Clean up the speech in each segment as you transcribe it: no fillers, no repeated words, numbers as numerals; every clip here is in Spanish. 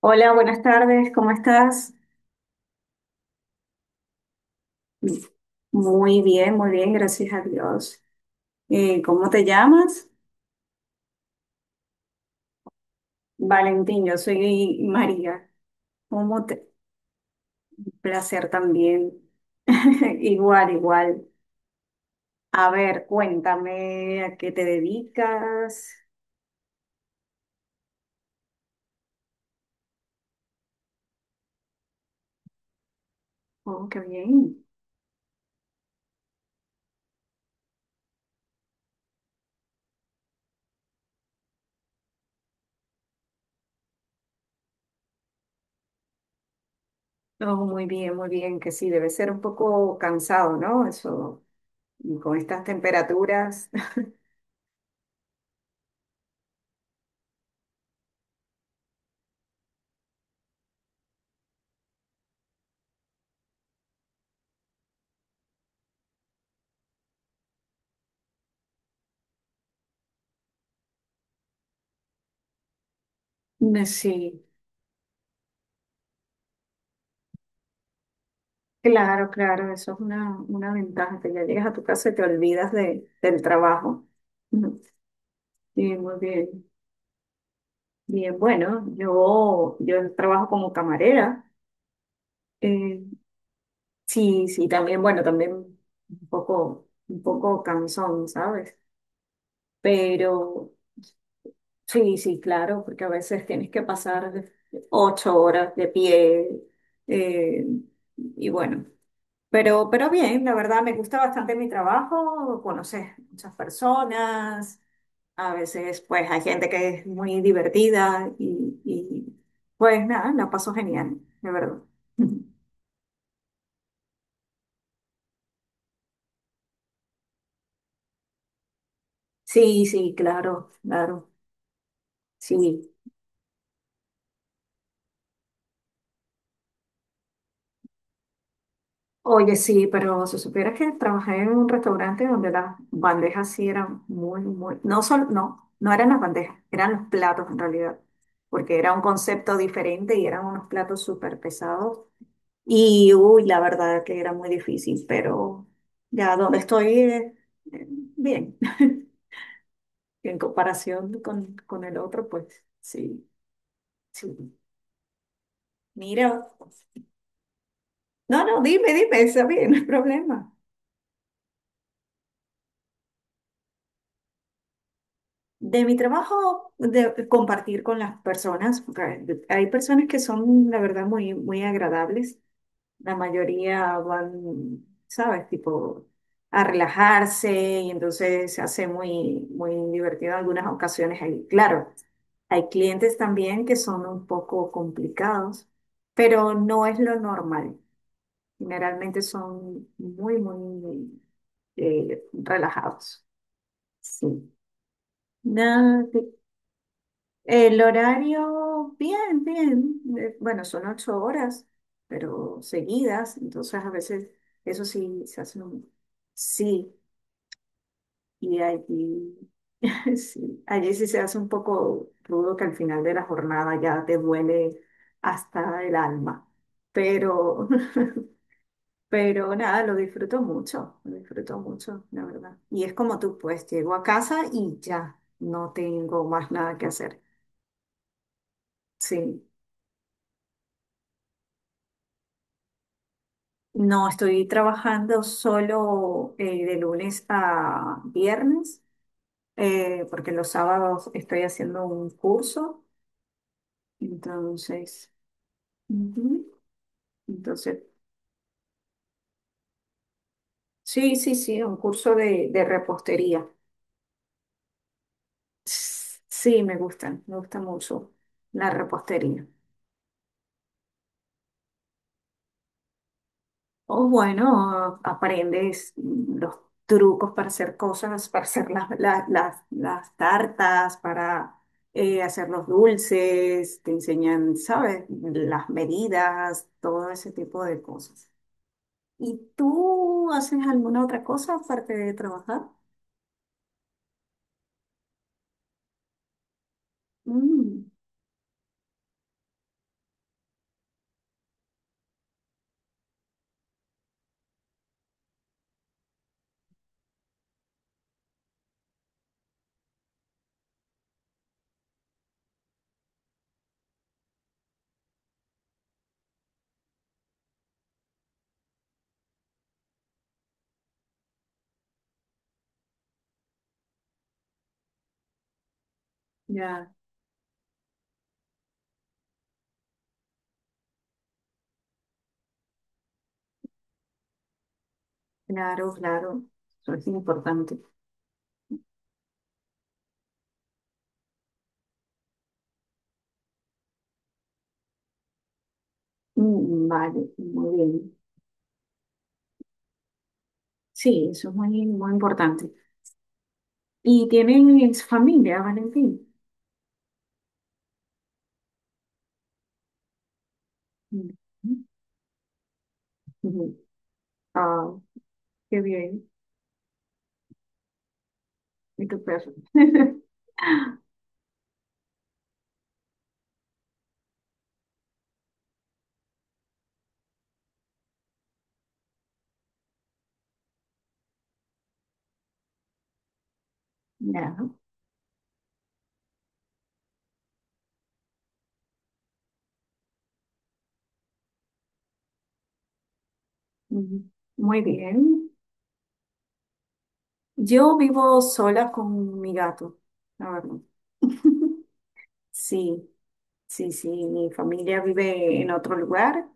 Hola, buenas tardes, ¿cómo estás? Muy bien, gracias a Dios. ¿Cómo te llamas? Valentín, yo soy María. ¿Cómo te... placer también. Igual, igual. A ver, cuéntame a qué te dedicas. Oh, qué bien. Oh, muy bien, que sí, debe ser un poco cansado, ¿no? Eso, con estas temperaturas. Sí. Claro, claro, eso es una ventaja, que ya llegas a tu casa y te olvidas del trabajo. Ujú. Sí, muy bien. Bien, bueno, yo trabajo como camarera. Eh, sí, sí, también, bueno, también un poco cansón, ¿sabes? Pero sí, sí, claro, porque a veces tienes que ocho horas de pie. eh, y bueno. Pero bien, la verdad me gusta bastante mi trabajo, conoces muchas personas, a veces pues hay gente que es muy divertida pues nada, la paso genial, de verdad. Sí, sí, claro, claro, sí. Oye, sí, pero si supieras que trabajé en un restaurante donde las bandejas sí eran muy, muy, no solo, no, no eran las bandejas, eran los platos en realidad, porque era un concepto diferente y eran unos platos súper pesados. Y uy, la verdad que era muy difícil, pero ya donde estoy, eh, bien. En comparación con el otro, pues sí, sí. Mira, no, no, dime, dime, está bien, no hay problema. De mi trabajo, de compartir con las personas, porque hay personas que son, la verdad, muy, muy agradables. La mayoría van, ¿sabes? Tipo a relajarse y entonces se hace muy, muy divertido en algunas ocasiones. Claro, hay clientes también que son un poco complicados, pero no es lo normal. Generalmente son muy, muy relajados. Sí. Nada, el horario, bien, bien. Bueno, son 8 horas, pero seguidas, entonces a veces eso sí se hace un... Sí, y allí, sí, allí sí se hace un poco rudo que al final de la jornada ya te duele hasta el alma. Pero, pero nada, lo disfruto mucho, la verdad. Y es como tú, pues llego a casa y ya, no tengo más nada que hacer. Sí. No, estoy trabajando solo de lunes a viernes, porque los sábados estoy haciendo un curso. Entonces, ujú, entonces, sí, sí, sí, un curso de repostería. S- Sí, me gusta mucho la repostería. O bueno, aprendes los trucos para hacer cosas, para hacer las tartas, para hacer los dulces, te enseñan, ¿sabes? Las medidas, todo ese tipo de cosas. ¿Y tú haces alguna otra cosa aparte de trabajar? Mm, ya, claro, claro, eso es importante. Mm, vale, muy bien. Sí, eso es muy, muy importante. ¿Y tienen familia, Valentín? Mm. Ujú. Ah, qué bien. Y tu perro. Ya. Ujú. Muy bien. Yo vivo sola con mi gato, la verdad. Sí, sí, sí. Mi familia vive en otro lugar.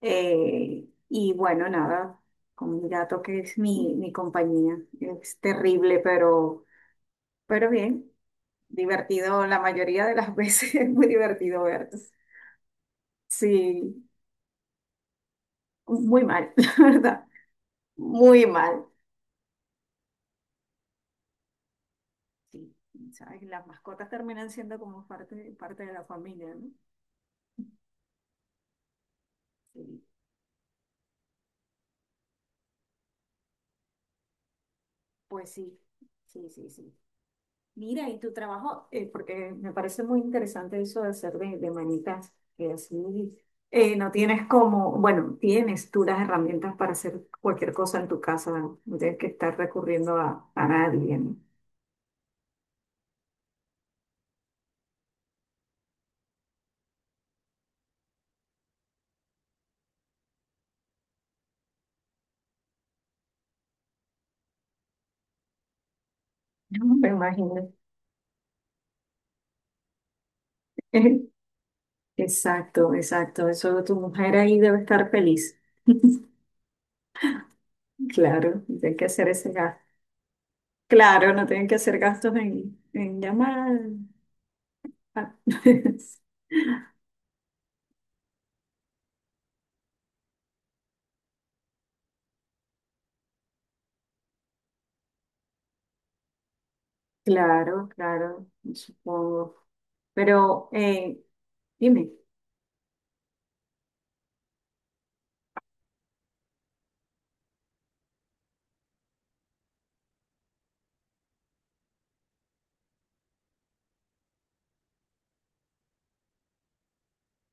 Y bueno, nada, con mi gato que es mi compañía. Es terrible, pero bien. Divertido la mayoría de las veces. Es muy divertido verlos. Sí, muy mal, la verdad. Muy mal. Sí, sabes, las mascotas terminan siendo como parte de la familia, ¿no? Sí, pues sí, sí, sí, sí. Mira, y tu trabajo, porque me parece muy interesante eso de hacer de manitas, que así no tienes como, bueno, tienes tú las herramientas para hacer cualquier cosa en tu casa, no. No tienes que estar recurriendo a nadie, ¿no? No me imagino. Exacto, exacto. Eso tu mujer ahí debe estar feliz. Claro, tiene que hacer ese gasto. Claro, no tienen que hacer gastos en llamar. Ah, claro, claro, supongo. Pero dime,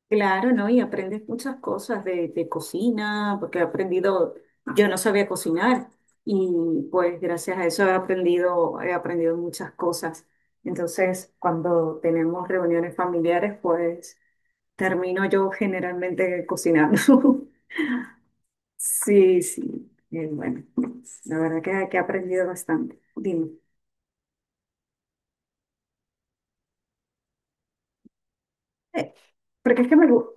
claro, ¿no? Y aprendes muchas cosas de cocina, porque he aprendido, yo no sabía cocinar y pues gracias a eso he aprendido muchas cosas. Entonces, cuando tenemos reuniones familiares, pues termino yo generalmente cocinando. Sí, sí, bien, bueno. La verdad que he aprendido bastante. Dime. Eh, porque es que me, gu-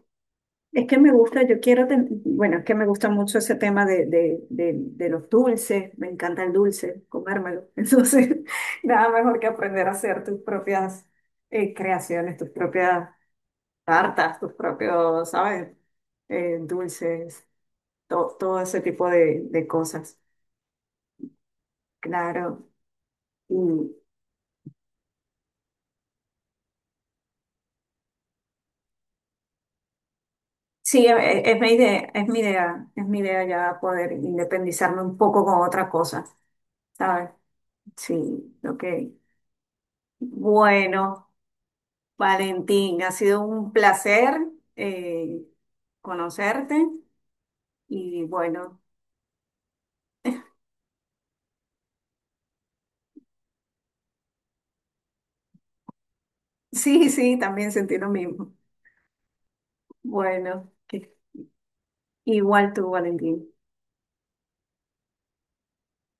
Es que me gusta, bueno, es que me gusta mucho ese tema de los dulces, me encanta el dulce, comérmelo. Entonces, nada mejor que aprender a hacer tus propias creaciones, tus propias tartas, tus propios, ¿sabes? Dulces, todo ese tipo de cosas. Claro. Y, sí, es mi idea, es mi idea, es mi idea ya poder independizarme un poco con otra cosa, ¿sabes? Sí, ok. Bueno, Valentín, ha sido un placer eh, conocerte y bueno, sí, sí, también sentí lo mismo. Bueno, que- Igual tú, Valentín.